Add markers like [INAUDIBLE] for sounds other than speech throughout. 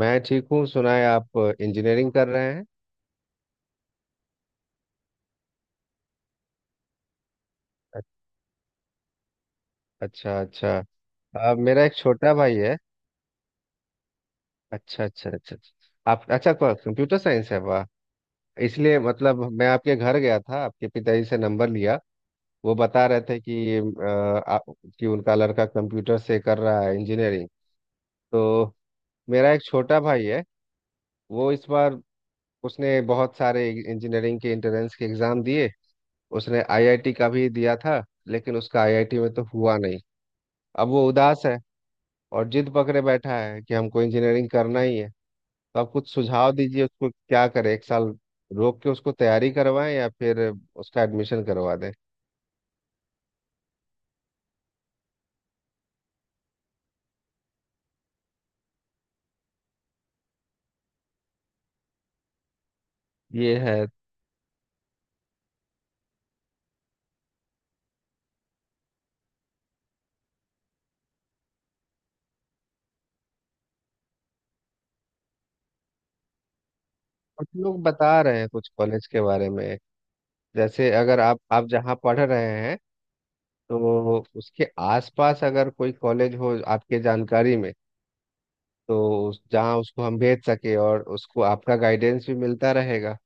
मैं ठीक हूँ। सुना है आप इंजीनियरिंग कर रहे हैं। अ- अच्छा अच्छा। मेरा एक छोटा भाई है। अच्छा अच्छा अच्छा अच्छा। आप अच्छा कंप्यूटर साइंस है, वाह। इसलिए मतलब मैं आपके घर गया था, आपके पिताजी से नंबर लिया। वो बता रहे थे कि आ, कि उनका लड़का कंप्यूटर से कर रहा है इंजीनियरिंग। तो मेरा एक छोटा भाई है। वो इस बार उसने बहुत सारे इंजीनियरिंग के एंट्रेंस के एग्ज़ाम दिए। उसने आईआईटी का भी दिया था, लेकिन उसका आईआईटी में तो हुआ नहीं। अब वो उदास है और जिद पकड़े बैठा है कि हमको इंजीनियरिंग करना ही है। तो आप कुछ सुझाव दीजिए, उसको क्या करे, एक साल रोक के उसको तैयारी करवाएं या फिर उसका एडमिशन करवा दें। ये है। कुछ लोग बता रहे हैं कुछ कॉलेज के बारे में। जैसे अगर आप जहाँ पढ़ रहे हैं, तो उसके आसपास अगर कोई कॉलेज हो आपके जानकारी में, तो जहाँ उसको हम भेज सके और उसको आपका गाइडेंस भी मिलता रहेगा।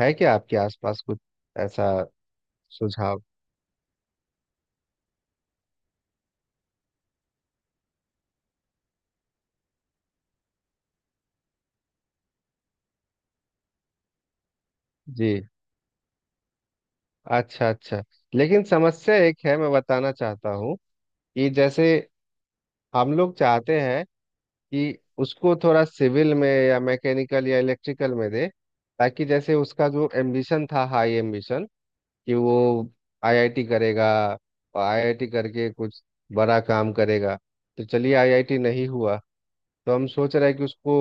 है क्या आपके आसपास कुछ ऐसा सुझाव? जी, अच्छा अच्छा। लेकिन समस्या एक है, मैं बताना चाहता हूँ कि जैसे हम लोग चाहते हैं कि उसको थोड़ा सिविल में या मैकेनिकल या इलेक्ट्रिकल में दे, ताकि जैसे उसका जो एम्बिशन था, हाई एम्बिशन कि वो आईआईटी करेगा और आईआईटी करके कुछ बड़ा काम करेगा। तो चलिए, आईआईटी नहीं हुआ तो हम सोच रहे हैं कि उसको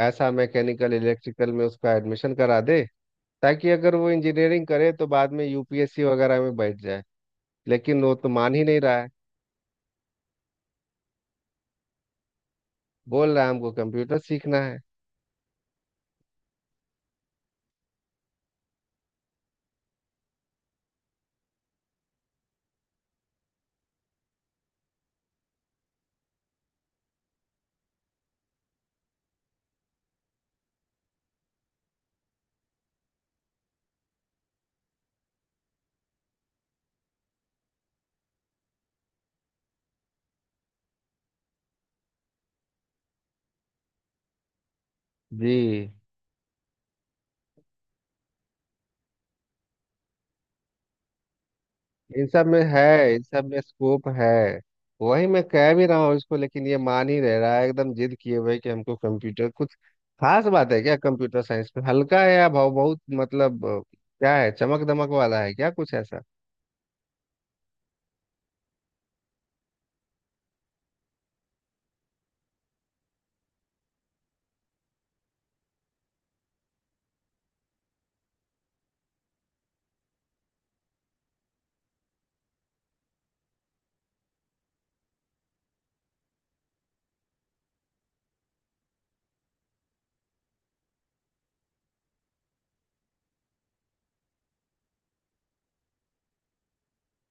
ऐसा मैकेनिकल इलेक्ट्रिकल में उसका एडमिशन करा दे, ताकि अगर वो इंजीनियरिंग करे तो बाद में यूपीएससी वगैरह में बैठ जाए। लेकिन वो तो मान ही नहीं रहा है। बोल रहा है हमको कंप्यूटर सीखना है। जी, इन सब में है, इन सब में स्कोप है, वही मैं कह भी रहा हूँ इसको, लेकिन ये मान ही रह रहा है, एकदम जिद किए हुए कि हमको कंप्यूटर कुछ खास बात है क्या, कंप्यूटर साइंस में? हल्का है या भाव बहुत, मतलब क्या है, चमक दमक वाला है क्या कुछ ऐसा?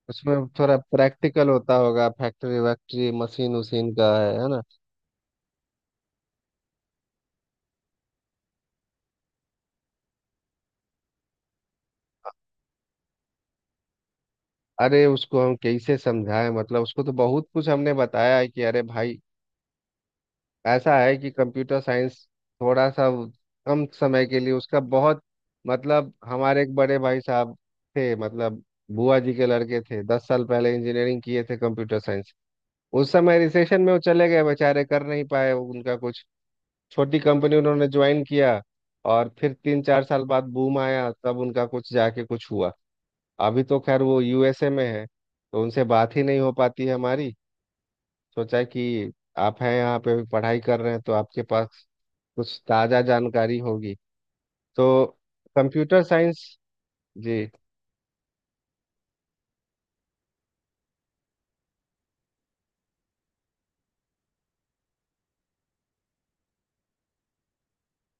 उसमें थोड़ा प्रैक्टिकल होता होगा, फैक्ट्री वैक्ट्री मशीन उशीन का है ना? अरे उसको हम कैसे समझाएं, मतलब उसको तो बहुत कुछ हमने बताया है कि अरे भाई, ऐसा है कि कंप्यूटर साइंस थोड़ा सा कम समय के लिए उसका बहुत मतलब। हमारे एक बड़े भाई साहब थे, मतलब बुआ जी के लड़के थे, 10 साल पहले इंजीनियरिंग किए थे कंप्यूटर साइंस। उस समय रिसेशन में वो चले गए बेचारे, कर नहीं पाए वो, उनका कुछ छोटी कंपनी उन्होंने ज्वाइन किया। और फिर 3 4 साल बाद बूम आया, तब उनका कुछ जाके कुछ हुआ। अभी तो खैर वो यूएसए में है, तो उनसे बात ही नहीं हो पाती है हमारी। सोचा है कि आप हैं यहाँ पे पढ़ाई कर रहे हैं, तो आपके पास कुछ ताज़ा जानकारी होगी। तो कंप्यूटर साइंस। जी।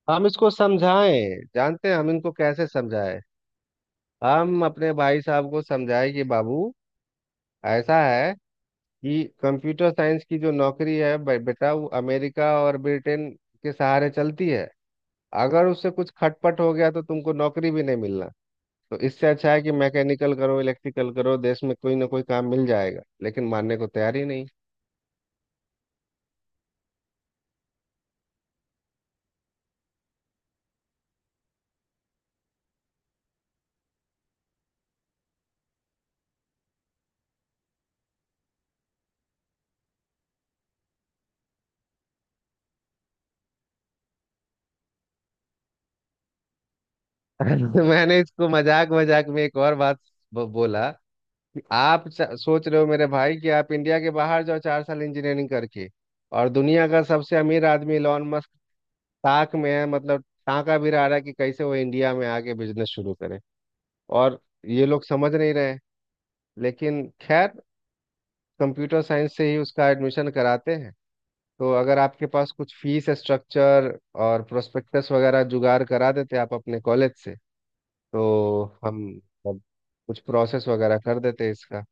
हम इसको समझाएं, जानते हैं हम इनको कैसे समझाएं। हम अपने भाई साहब को समझाएं कि बाबू, ऐसा है कि कंप्यूटर साइंस की जो नौकरी है, बेटा वो अमेरिका और ब्रिटेन के सहारे चलती है। अगर उससे कुछ खटपट हो गया तो तुमको नौकरी भी नहीं मिलना। तो इससे अच्छा है कि मैकेनिकल करो, इलेक्ट्रिकल करो, देश में कोई ना कोई काम मिल जाएगा। लेकिन मानने को तैयार ही नहीं। [LAUGHS] मैंने इसको मजाक मजाक में एक और बात बोला कि आप सोच रहे हो मेरे भाई कि आप इंडिया के बाहर जाओ 4 साल इंजीनियरिंग करके, और दुनिया का सबसे अमीर आदमी इलॉन मस्क ताक में है, मतलब टाँका भी रहा है कि कैसे वो इंडिया में आके बिजनेस शुरू करे। और ये लोग समझ नहीं रहे। लेकिन खैर, कंप्यूटर साइंस से ही उसका एडमिशन कराते हैं। तो अगर आपके पास कुछ फीस स्ट्रक्चर और प्रोस्पेक्टस वगैरह जुगाड़ करा देते आप अपने कॉलेज से, तो हम सब कुछ प्रोसेस वगैरह कर देते इसका।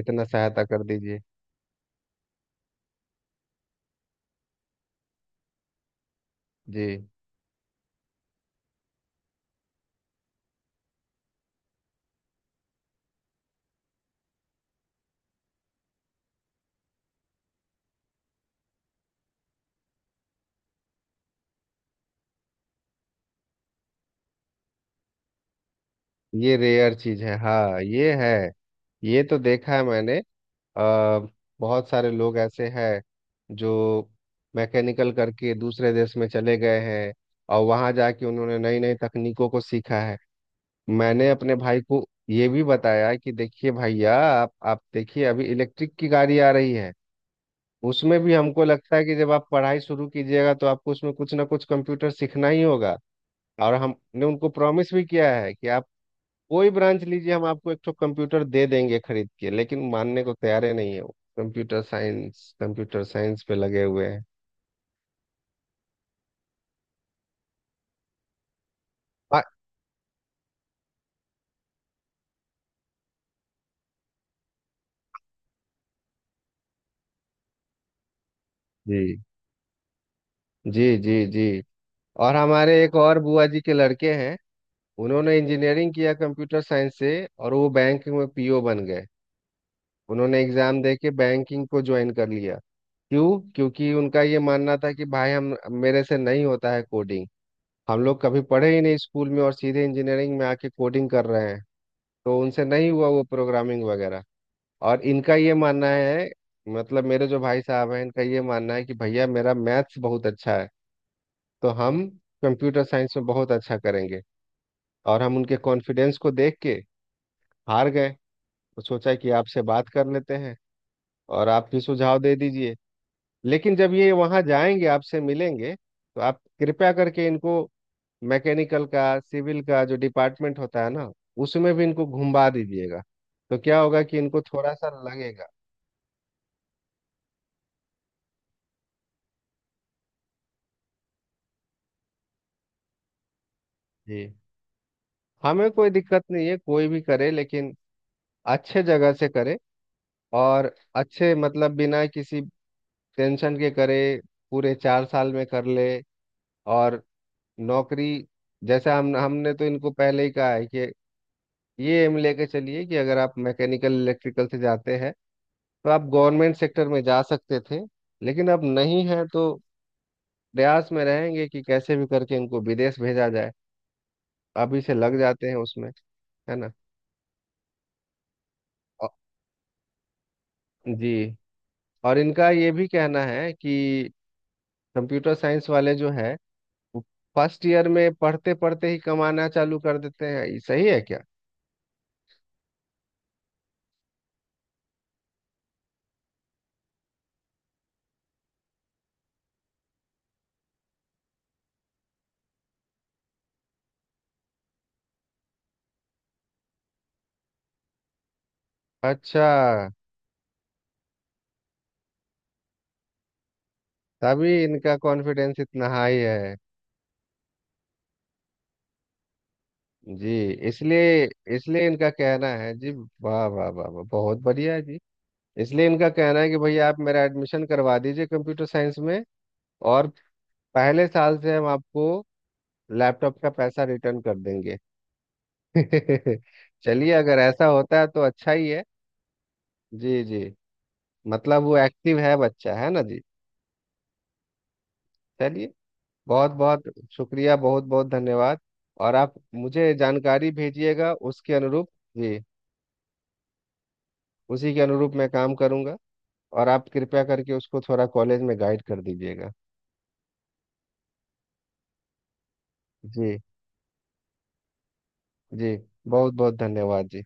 इतना सहायता कर दीजिए। जी। ये रेयर चीज है, हाँ ये है, ये तो देखा है मैंने। अ, बहुत सारे लोग ऐसे हैं जो मैकेनिकल करके दूसरे देश में चले गए हैं और वहाँ जाके उन्होंने नई नई तकनीकों को सीखा है। मैंने अपने भाई को ये भी बताया कि देखिए भैया, आप देखिए, अभी इलेक्ट्रिक की गाड़ी आ रही है, उसमें भी हमको लगता है कि जब आप पढ़ाई शुरू कीजिएगा तो आपको उसमें कुछ ना कुछ कंप्यूटर सीखना ही होगा। और हमने उनको प्रॉमिस भी किया है कि आप कोई ब्रांच लीजिए, हम आपको एक ठो कंप्यूटर दे देंगे खरीद के। लेकिन मानने को तैयार ही नहीं है, वो कंप्यूटर साइंस पे लगे हुए हैं। आ- जी जी जी जी। और हमारे एक और बुआ जी के लड़के हैं, उन्होंने इंजीनियरिंग किया कंप्यूटर साइंस से, और वो बैंकिंग में पीओ बन गए। उन्होंने एग्जाम दे के बैंकिंग को ज्वाइन कर लिया। क्यों? क्योंकि उनका ये मानना था कि भाई हम, मेरे से नहीं होता है कोडिंग। हम लोग कभी पढ़े ही नहीं स्कूल में और सीधे इंजीनियरिंग में आके कोडिंग कर रहे हैं, तो उनसे नहीं हुआ वो प्रोग्रामिंग वगैरह। और इनका ये मानना है, मतलब मेरे जो भाई साहब हैं इनका ये मानना है कि भैया, मेरा मैथ्स बहुत अच्छा है, तो हम कंप्यूटर साइंस में बहुत अच्छा करेंगे। और हम उनके कॉन्फिडेंस को देख के हार गए। तो सोचा कि आपसे बात कर लेते हैं, और आप भी सुझाव दे दीजिए। लेकिन जब ये वहाँ जाएंगे, आपसे मिलेंगे, तो आप कृपया करके इनको मैकेनिकल का, सिविल का जो डिपार्टमेंट होता है ना, उसमें भी इनको घुमा दीजिएगा। तो क्या होगा कि इनको थोड़ा सा लगेगा। जी, हमें कोई दिक्कत नहीं है, कोई भी करे, लेकिन अच्छे जगह से करे, और अच्छे मतलब बिना किसी टेंशन के करे। पूरे 4 साल में कर ले। और नौकरी, जैसे हम हमने तो इनको पहले ही कहा है कि ये एम लेके चलिए कि अगर आप मैकेनिकल इलेक्ट्रिकल से जाते हैं तो आप गवर्नमेंट सेक्टर में जा सकते थे, लेकिन अब नहीं है तो प्रयास में रहेंगे कि कैसे भी करके इनको विदेश भेजा जाए। अभी से लग जाते हैं उसमें, है ना? औ- जी। और इनका ये भी कहना है कि कंप्यूटर साइंस वाले जो है, वो फर्स्ट ईयर में पढ़ते पढ़ते ही कमाना चालू कर देते हैं, ये सही है क्या? अच्छा, तभी इनका कॉन्फिडेंस इतना हाई है। जी, इसलिए, इसलिए इनका कहना है। जी, वाह वाह वाह वाह, बहुत बढ़िया है जी। इसलिए इनका कहना है कि भैया आप मेरा एडमिशन करवा दीजिए कंप्यूटर साइंस में, और पहले साल से हम आपको लैपटॉप का पैसा रिटर्न कर देंगे। [LAUGHS] चलिए, अगर ऐसा होता है तो अच्छा ही है। जी जी। मतलब वो एक्टिव है, बच्चा है ना जी। चलिए, बहुत बहुत शुक्रिया, बहुत बहुत धन्यवाद। और आप मुझे जानकारी भेजिएगा उसके अनुरूप। जी, उसी के अनुरूप मैं काम करूंगा। और आप कृपया करके उसको थोड़ा कॉलेज में गाइड कर दीजिएगा। जी जी, बहुत बहुत धन्यवाद जी।